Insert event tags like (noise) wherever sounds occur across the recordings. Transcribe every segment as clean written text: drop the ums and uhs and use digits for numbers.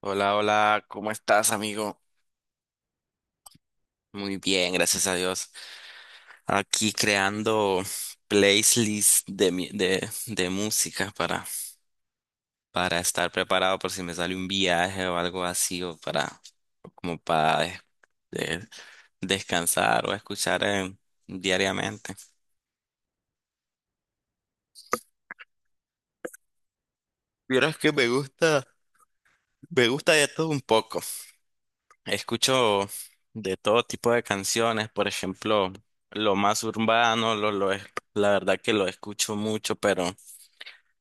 Hola, hola, ¿cómo estás, amigo? Muy bien, gracias a Dios. Aquí creando playlists de música para estar preparado por si me sale un viaje o algo así, o para de- descansar o escuchar diariamente. Vieras que me gusta de todo un poco. Escucho de todo tipo de canciones, por ejemplo, lo más urbano, la verdad que lo escucho mucho, pero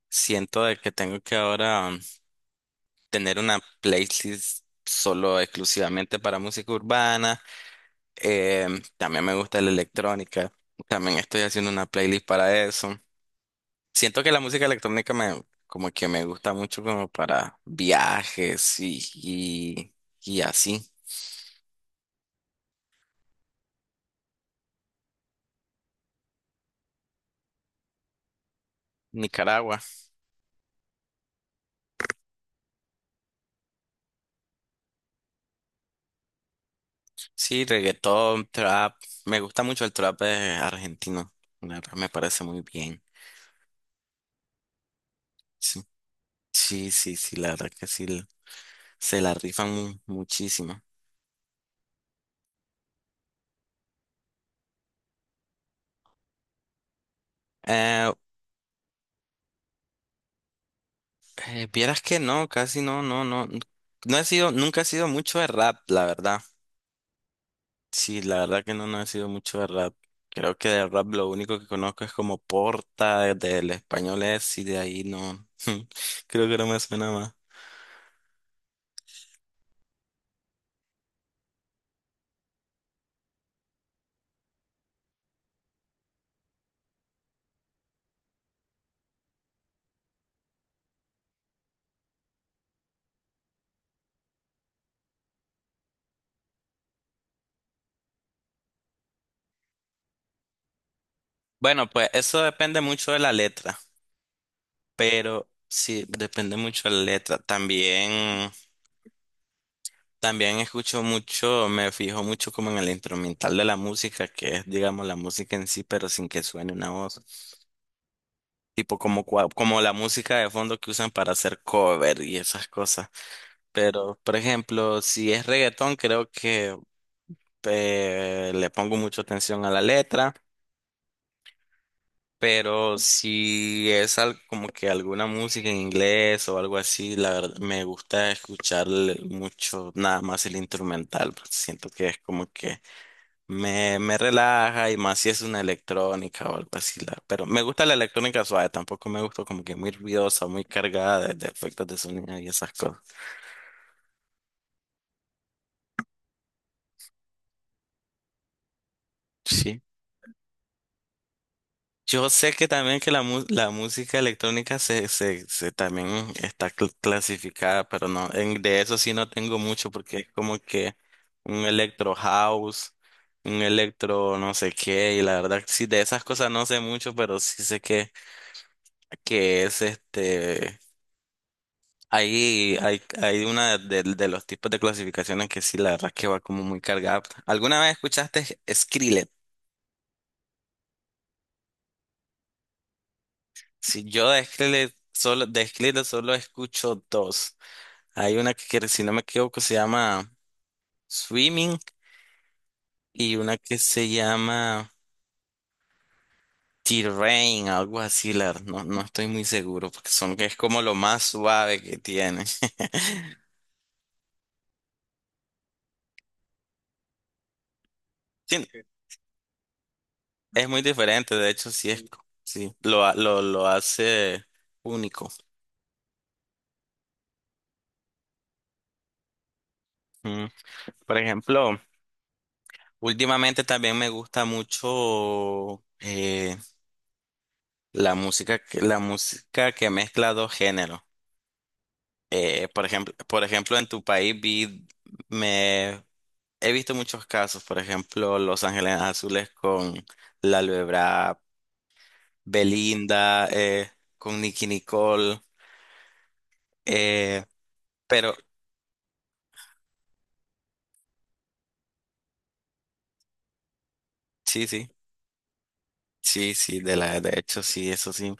siento de que tengo que ahora tener una playlist solo exclusivamente para música urbana. También me gusta la electrónica, también estoy haciendo una playlist para eso. Siento que la música electrónica me como que me gusta mucho como para viajes y así. Nicaragua. Sí, reggaetón, trap. Me gusta mucho el trap argentino. La verdad me parece muy bien. Sí, sí, sí, sí, la verdad que sí. Se la rifan muchísimo. Eh, Vieras que no, casi no, no, no. No he sido, nunca he sido mucho de rap, la verdad. Sí, la verdad que no, no he sido mucho de rap. Creo que de rap lo único que conozco es como Porta, del español es, y de ahí no. (laughs) Creo que no me suena más. Bueno, pues eso depende mucho de la letra. Pero sí, depende mucho de la letra. También, también escucho mucho, me fijo mucho como en el instrumental de la música, que es, digamos, la música en sí, pero sin que suene una voz. Tipo como, como la música de fondo que usan para hacer cover y esas cosas. Pero, por ejemplo, si es reggaetón, creo que le pongo mucha atención a la letra. Pero si es como que alguna música en inglés o algo así, la verdad me gusta escuchar mucho nada más el instrumental, porque siento que es como que me relaja y más si es una electrónica o algo así. Pero me gusta la electrónica suave, tampoco me gusta como que muy ruidosa, muy cargada de efectos de sonido y esas cosas. Sí. Yo sé que también que la música electrónica se también está clasificada, pero no, en, de eso sí no tengo mucho porque es como que un electro house, un electro no sé qué, y la verdad sí de esas cosas no sé mucho, pero sí sé que es ahí hay una de los tipos de clasificaciones que sí la verdad que va como muy cargada. ¿Alguna vez escuchaste Skrillex? Si yo de Skrillex solo escucho dos. Hay una que si no me equivoco, se llama Swimming y una que se llama Terrain, algo así, la, no, no estoy muy seguro, porque son que es como lo más suave que tiene. (laughs) Sí, es muy diferente, de hecho, sí es, sí, lo hace único. Mm. Por ejemplo, últimamente también me gusta mucho la música, la música que mezcla dos géneros. Por ejemplo, en tu país vi, me He visto muchos casos, por ejemplo, Los Ángeles Azules con la Lebra, Belinda, con Nicki Nicole, eh, pero sí, sí, sí, sí, de hecho, sí, eso sí,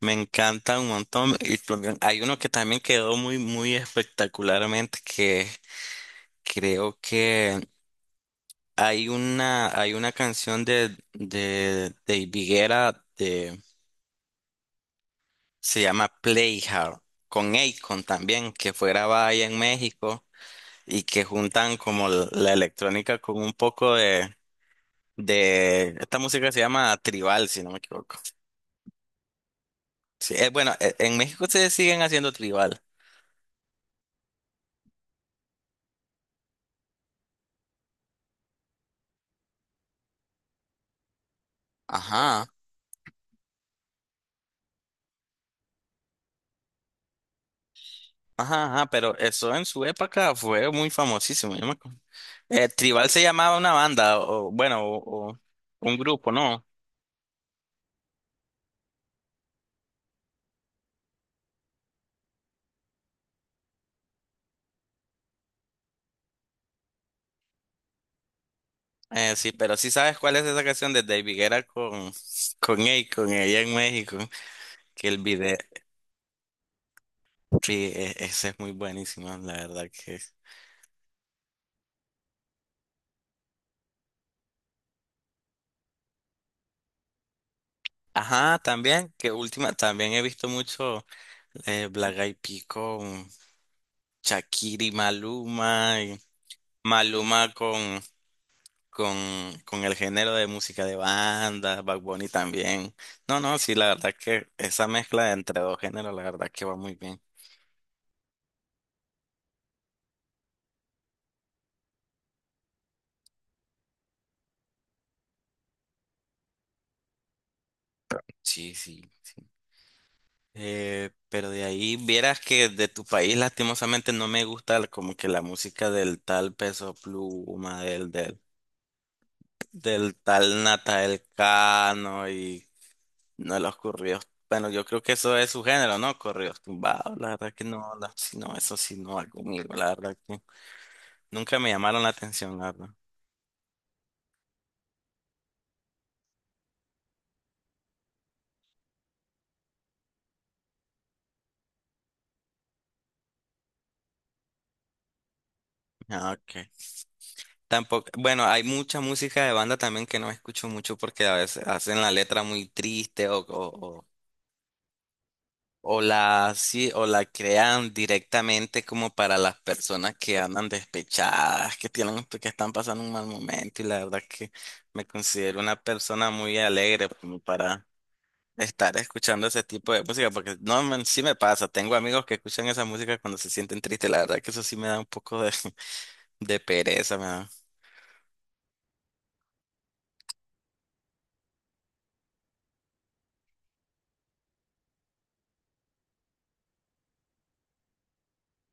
me encanta un montón. Y también hay uno que también quedó muy, muy espectacularmente, que creo que hay una canción de Higuera. Se llama Playhouse, con Akon también, que fue grabada allá en México y que juntan como la electrónica con un poco de esta música se llama tribal, si no me equivoco. Sí, bueno, en México se siguen haciendo tribal. Ajá, ajá, ajá, pero eso en su época fue muy famosísimo. Yo me acuerdo. Tribal se llamaba una banda, o bueno, o un grupo, ¿no? Sí, pero sí sabes cuál es esa canción de David Guerra con Akon allá en México. Que el video, sí, ese es muy buenísimo, la verdad que. Ajá, también, que última, también he visto mucho Black Eyed Peas con Shakira y Maluma con, con el género de música de banda, Bad Bunny también. No, no, sí, la verdad que esa mezcla entre dos géneros, la verdad que va muy bien. Sí, sí. Pero de ahí vieras que de tu país lastimosamente no me gusta como que la música del tal Peso Pluma, del tal Natal Cano y no los corridos. Bueno, yo creo que eso es su género, ¿no? Corridos tumbados, la verdad que no, la, si no, eso sí no va conmigo, la verdad que nunca me llamaron la atención, la verdad. Ah, ok. Tampoco, bueno, hay mucha música de banda también que no escucho mucho porque a veces hacen la letra muy triste o la, sí, o la crean directamente como para las personas que andan despechadas, que tienen, que están pasando un mal momento. Y la verdad que me considero una persona muy alegre como para estar escuchando ese tipo de música, porque no, man, sí me pasa. Tengo amigos que escuchan esa música cuando se sienten tristes. La verdad que eso sí me da un poco de, (laughs) de pereza, me da.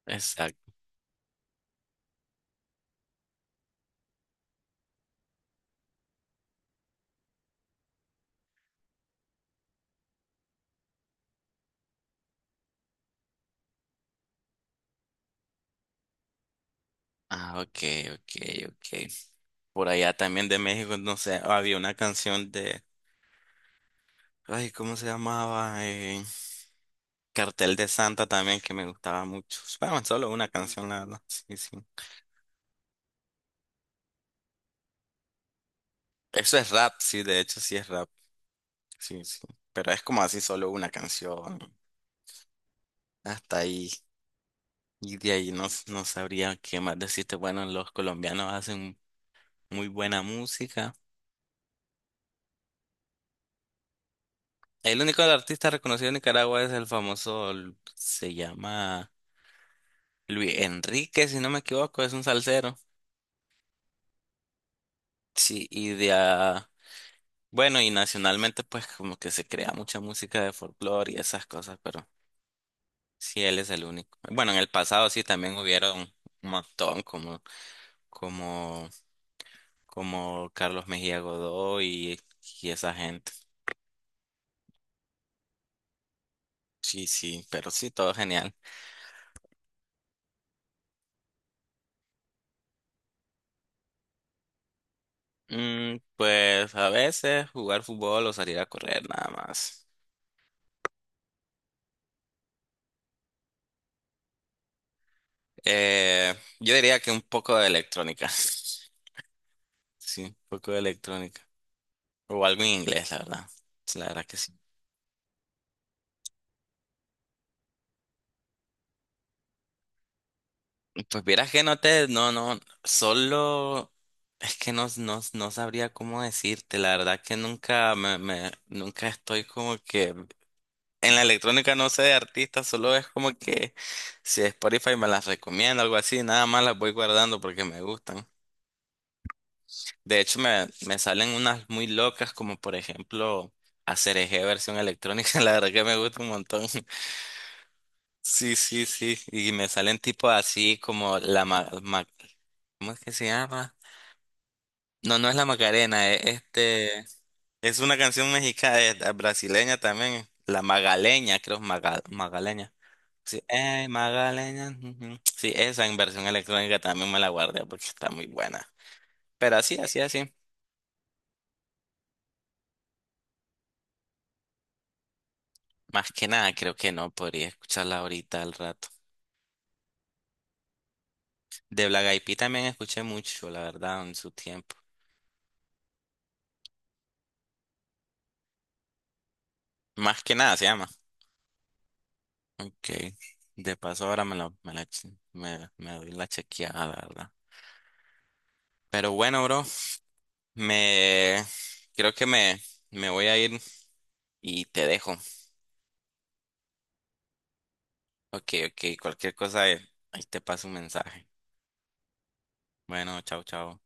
Exacto. Ah, ok, ok, ok. Por allá también de México, no sé, había una canción de, ay, ¿cómo se llamaba? Cartel de Santa también que me gustaba mucho. Bueno, solo una canción, la verdad. Sí, sí. Eso es rap, sí, de hecho sí es rap. Sí, sí. Pero es como así solo una canción. Hasta ahí. Y de ahí no, no sabría qué más decirte. Bueno, los colombianos hacen muy buena música. El único artista reconocido en Nicaragua es el famoso, se llama Luis Enrique, si no me equivoco, es un salsero. Sí, y de, bueno, y nacionalmente pues como que se crea mucha música de folclore y esas cosas, pero sí, él es el único. Bueno, en el pasado sí también hubieron un montón como, como, como Carlos Mejía Godoy y esa gente. Sí, sí, pero sí, todo genial. Mm, pues a veces jugar fútbol o salir a correr nada más. Eh, yo diría que un poco de electrónica. (laughs) Sí, un poco de electrónica. O algo en inglés, la verdad. La verdad que sí. Pues vieras que no te, no, no, solo es que no, no, no sabría cómo decirte, la verdad que nunca me, me, nunca estoy como que en la electrónica no sé de artistas, solo es como que si Spotify me las recomienda, algo así, nada más las voy guardando porque me gustan. De hecho me, me salen unas muy locas como por ejemplo Eje versión electrónica, (laughs) la verdad que me gusta un montón. (laughs) Sí, sí, sí, y me salen tipo así como ¿cómo es que se llama? No, no es la Macarena, es este. Es una canción mexicana, brasileña también. La Magaleña, creo, Magaleña. Sí, Magaleña. Ujú. Sí, esa en versión electrónica también me la guardé porque está muy buena. Pero así, así, así. Más que nada, creo que no podría escucharla ahorita al rato. De Black Eyed Peas también escuché mucho, la verdad, en su tiempo. Más que nada se llama. Ok. De paso ahora me la, me la, me, me doy la chequeada, la verdad. Pero bueno, bro. Me creo que me voy a ir y te dejo. Ok, ok, cualquier cosa, ahí te paso un mensaje. Bueno, chao, chao.